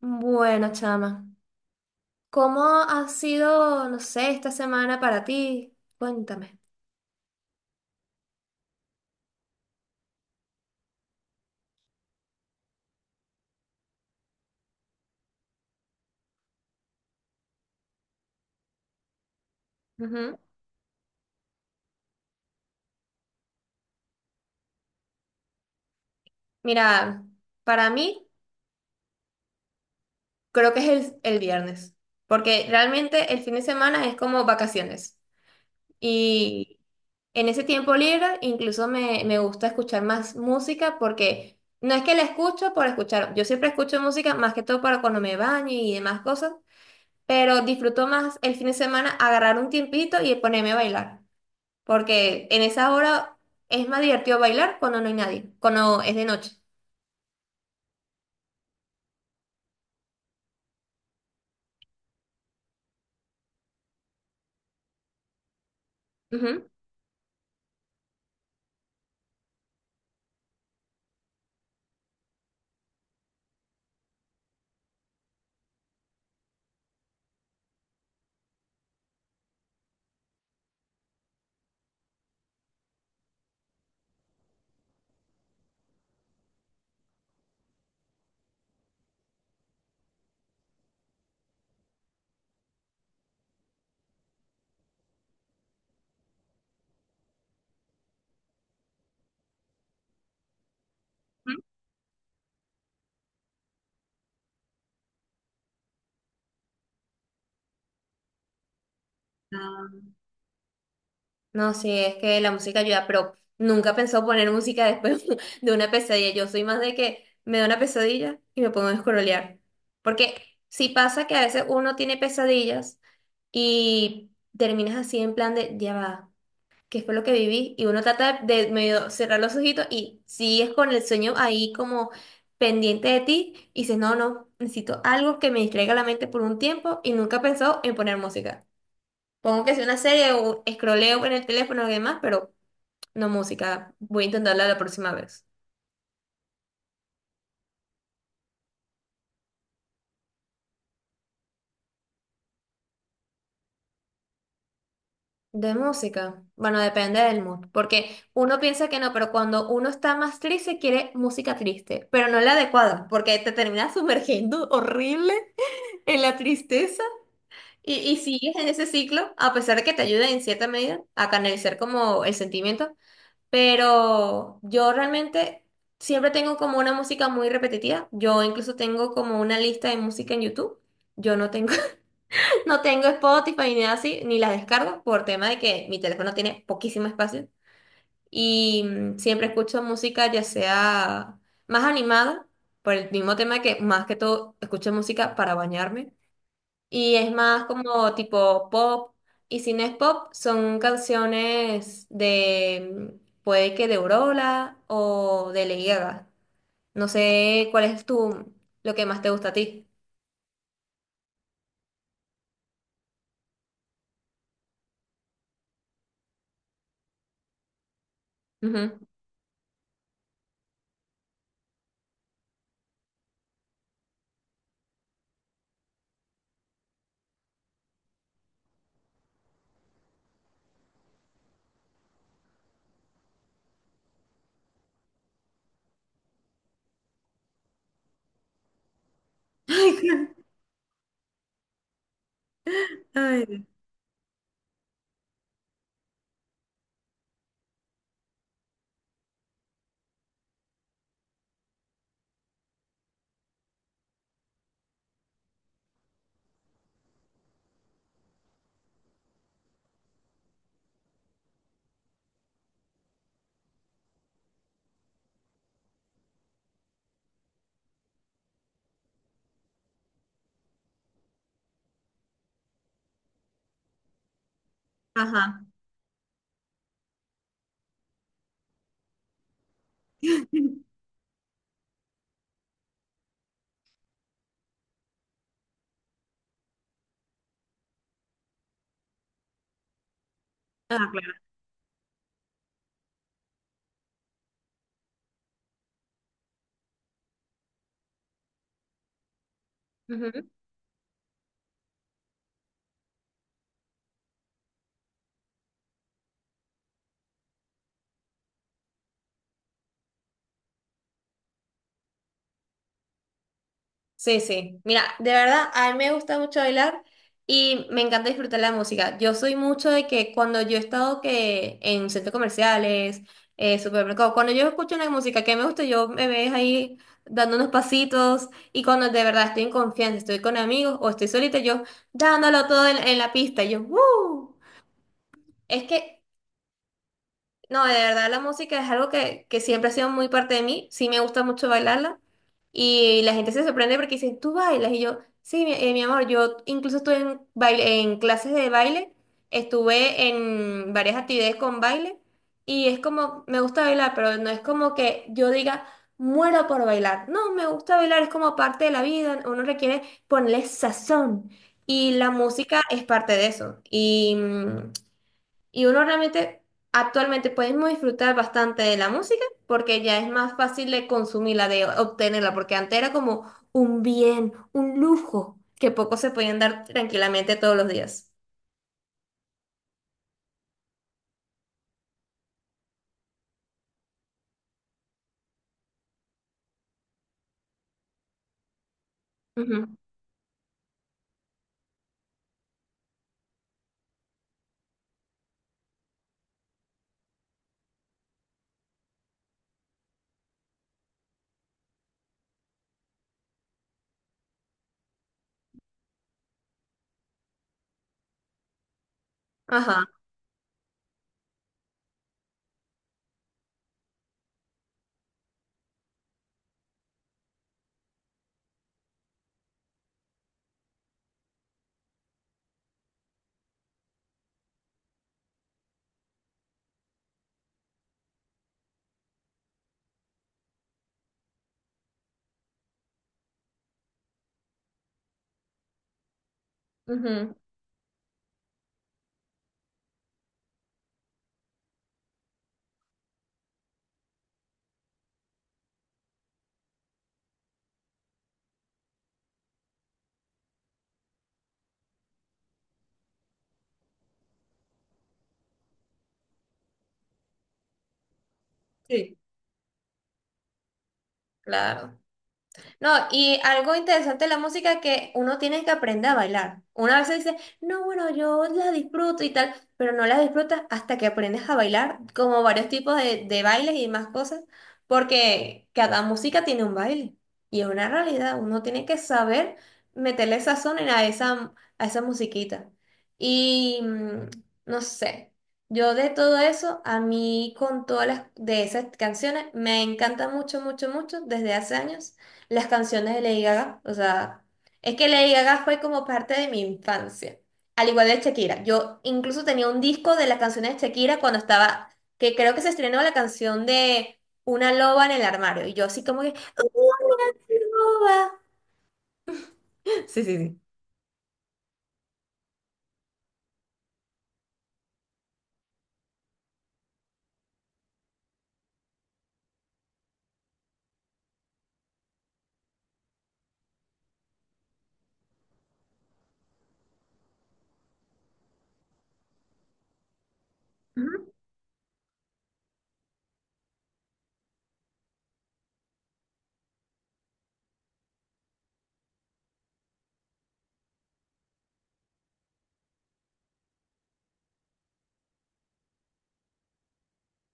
Bueno, chama, ¿cómo ha sido, no sé, esta semana para ti? Cuéntame. Ujú. Mira, para mí creo que es el viernes, porque realmente el fin de semana es como vacaciones. Y en ese tiempo libre incluso me gusta escuchar más música porque no es que la escucho por escuchar, yo siempre escucho música más que todo para cuando me baño y demás cosas, pero disfruto más el fin de semana agarrar un tiempito y ponerme a bailar. Porque en esa hora es más divertido bailar cuando no hay nadie, cuando es de noche. Ujú. Ah. No, sí, es que la música ayuda, pero nunca pensó poner música después de una pesadilla. Yo soy más de que me da una pesadilla y me pongo a escrolear. Porque sí pasa que a veces uno tiene pesadillas y terminas así en plan de, ya va. Que fue lo que viví, y uno trata de medio cerrar los ojitos y sigues con el sueño ahí como pendiente de ti y dices, no, no, necesito algo que me distraiga la mente por un tiempo y nunca he pensado en poner música. Pongo que sea una serie o escroleo en el teléfono y demás, pero no música. Voy a intentarla la próxima vez. De música. Bueno, depende del mood, porque uno piensa que no, pero cuando uno está más triste quiere música triste, pero no la adecuada, porque te terminas sumergiendo horrible en la tristeza. Y sigues en ese ciclo, a pesar de que te ayuda en cierta medida a canalizar como el sentimiento, pero yo realmente siempre tengo como una música muy repetitiva. Yo incluso tengo como una lista de música en YouTube. Yo no tengo, no tengo Spotify ni nada así, ni las descargo por tema de que mi teléfono tiene poquísimo espacio. Y siempre escucho música ya sea más animada, por el mismo tema que más que todo escucho música para bañarme y es más como tipo pop. Y si no es pop, son canciones de, puede que de Aurora o de Lady Gaga. No sé cuál es tu, lo que más te gusta a ti. Ujú. Ay, ajá. Ajá. Sí, sí. Mira, de verdad, a mí me gusta mucho bailar y me encanta disfrutar la música. Yo soy mucho de que cuando yo he estado que en centros comerciales, supermercados, cuando yo escucho una música que me gusta, yo me ves ahí dando unos pasitos y cuando de verdad estoy en confianza, estoy con amigos o estoy solita, yo dándolo todo en la pista, y yo, ¡uh! Es que no, de verdad la música es algo que siempre ha sido muy parte de mí. Sí me gusta mucho bailarla. Y la gente se sorprende porque dicen, ¿tú bailas? Y yo, sí, mi, mi amor, yo incluso estuve en, baile, en clases de baile, estuve en varias actividades con baile. Y es como, me gusta bailar, pero no es como que yo diga, muero por bailar. No, me gusta bailar, es como parte de la vida. Uno requiere ponerle sazón. Y la música es parte de eso. Y y uno realmente actualmente podemos disfrutar bastante de la música porque ya es más fácil de consumirla, de obtenerla, porque antes era como un bien, un lujo que pocos se podían dar tranquilamente todos los días. Ujú. Ajá. Ujú. Sí, claro. No, y algo interesante de la música que uno tiene que aprender a bailar. Una vez dice, no, bueno, yo la disfruto y tal, pero no la disfrutas hasta que aprendes a bailar, como varios tipos de bailes y más cosas, porque cada música tiene un baile y es una realidad. Uno tiene que saber meterle sazón en a esa musiquita. Y no sé, yo de todo eso, a mí con todas las de esas canciones, me encanta mucho, mucho, mucho desde hace años las canciones de Lady Gaga. O sea, es que Lady Gaga fue como parte de mi infancia. Al igual de Shakira. Yo incluso tenía un disco de las canciones de Shakira cuando estaba, que creo que se estrenó la canción de Una loba en el armario. Y yo así como que, "Una loba". Sí, sí, sí. Ujú.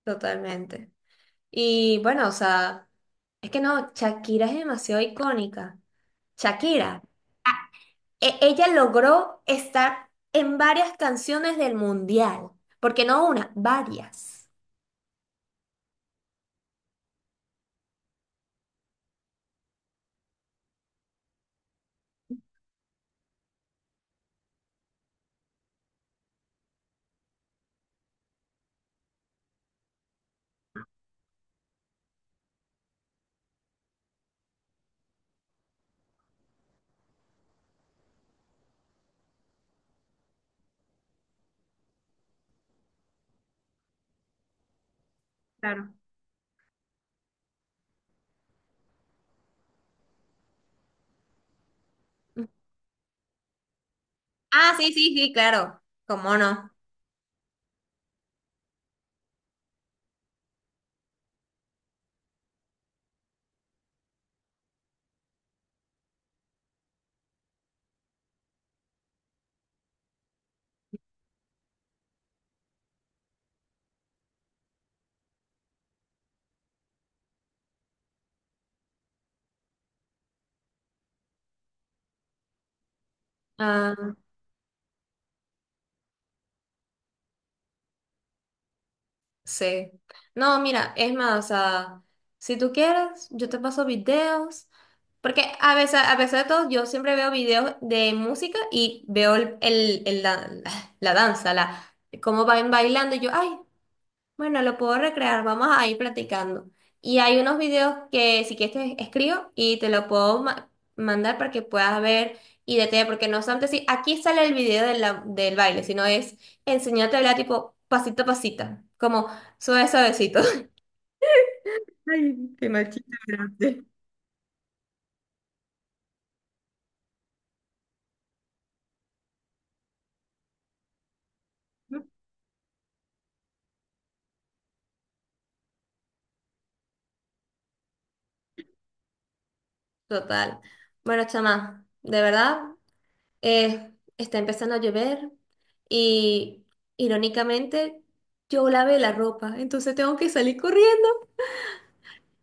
Totalmente. Y bueno, o sea, es que no, Shakira es demasiado icónica. Shakira. Ella logró estar en varias canciones del mundial, porque no una, varias. Claro. Ah, sí, sí, sí, claro. ¿Cómo no? Ah, sí. No, mira, es más, o sea, si tú quieres, yo te paso videos. Porque a veces, a pesar de todo, yo siempre veo videos de música y veo la danza, la, cómo van bailando. Y yo, ay, bueno, lo puedo recrear, vamos a ir platicando. Y hay unos videos que si quieres te escribo y te lo puedo mandar para que puedas ver y detallar, porque no solamente si aquí sale el video del baile, sino es enseñarte a bailar tipo pasito a pasito, como suave suavecito. Ay, qué machista grande. Total. Bueno, chama, de verdad, está empezando a llover y irónicamente yo lavé la ropa, entonces tengo que salir corriendo.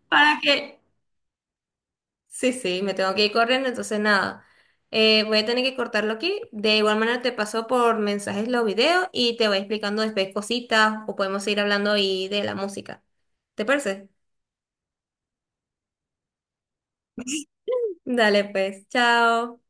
Para que, sí, sí, me tengo que ir corriendo, entonces nada, voy a tener que cortarlo aquí. De igual manera te paso por mensajes los videos y te voy explicando después cositas o podemos seguir hablando ahí de la música. ¿Te parece? Dale pues, chao.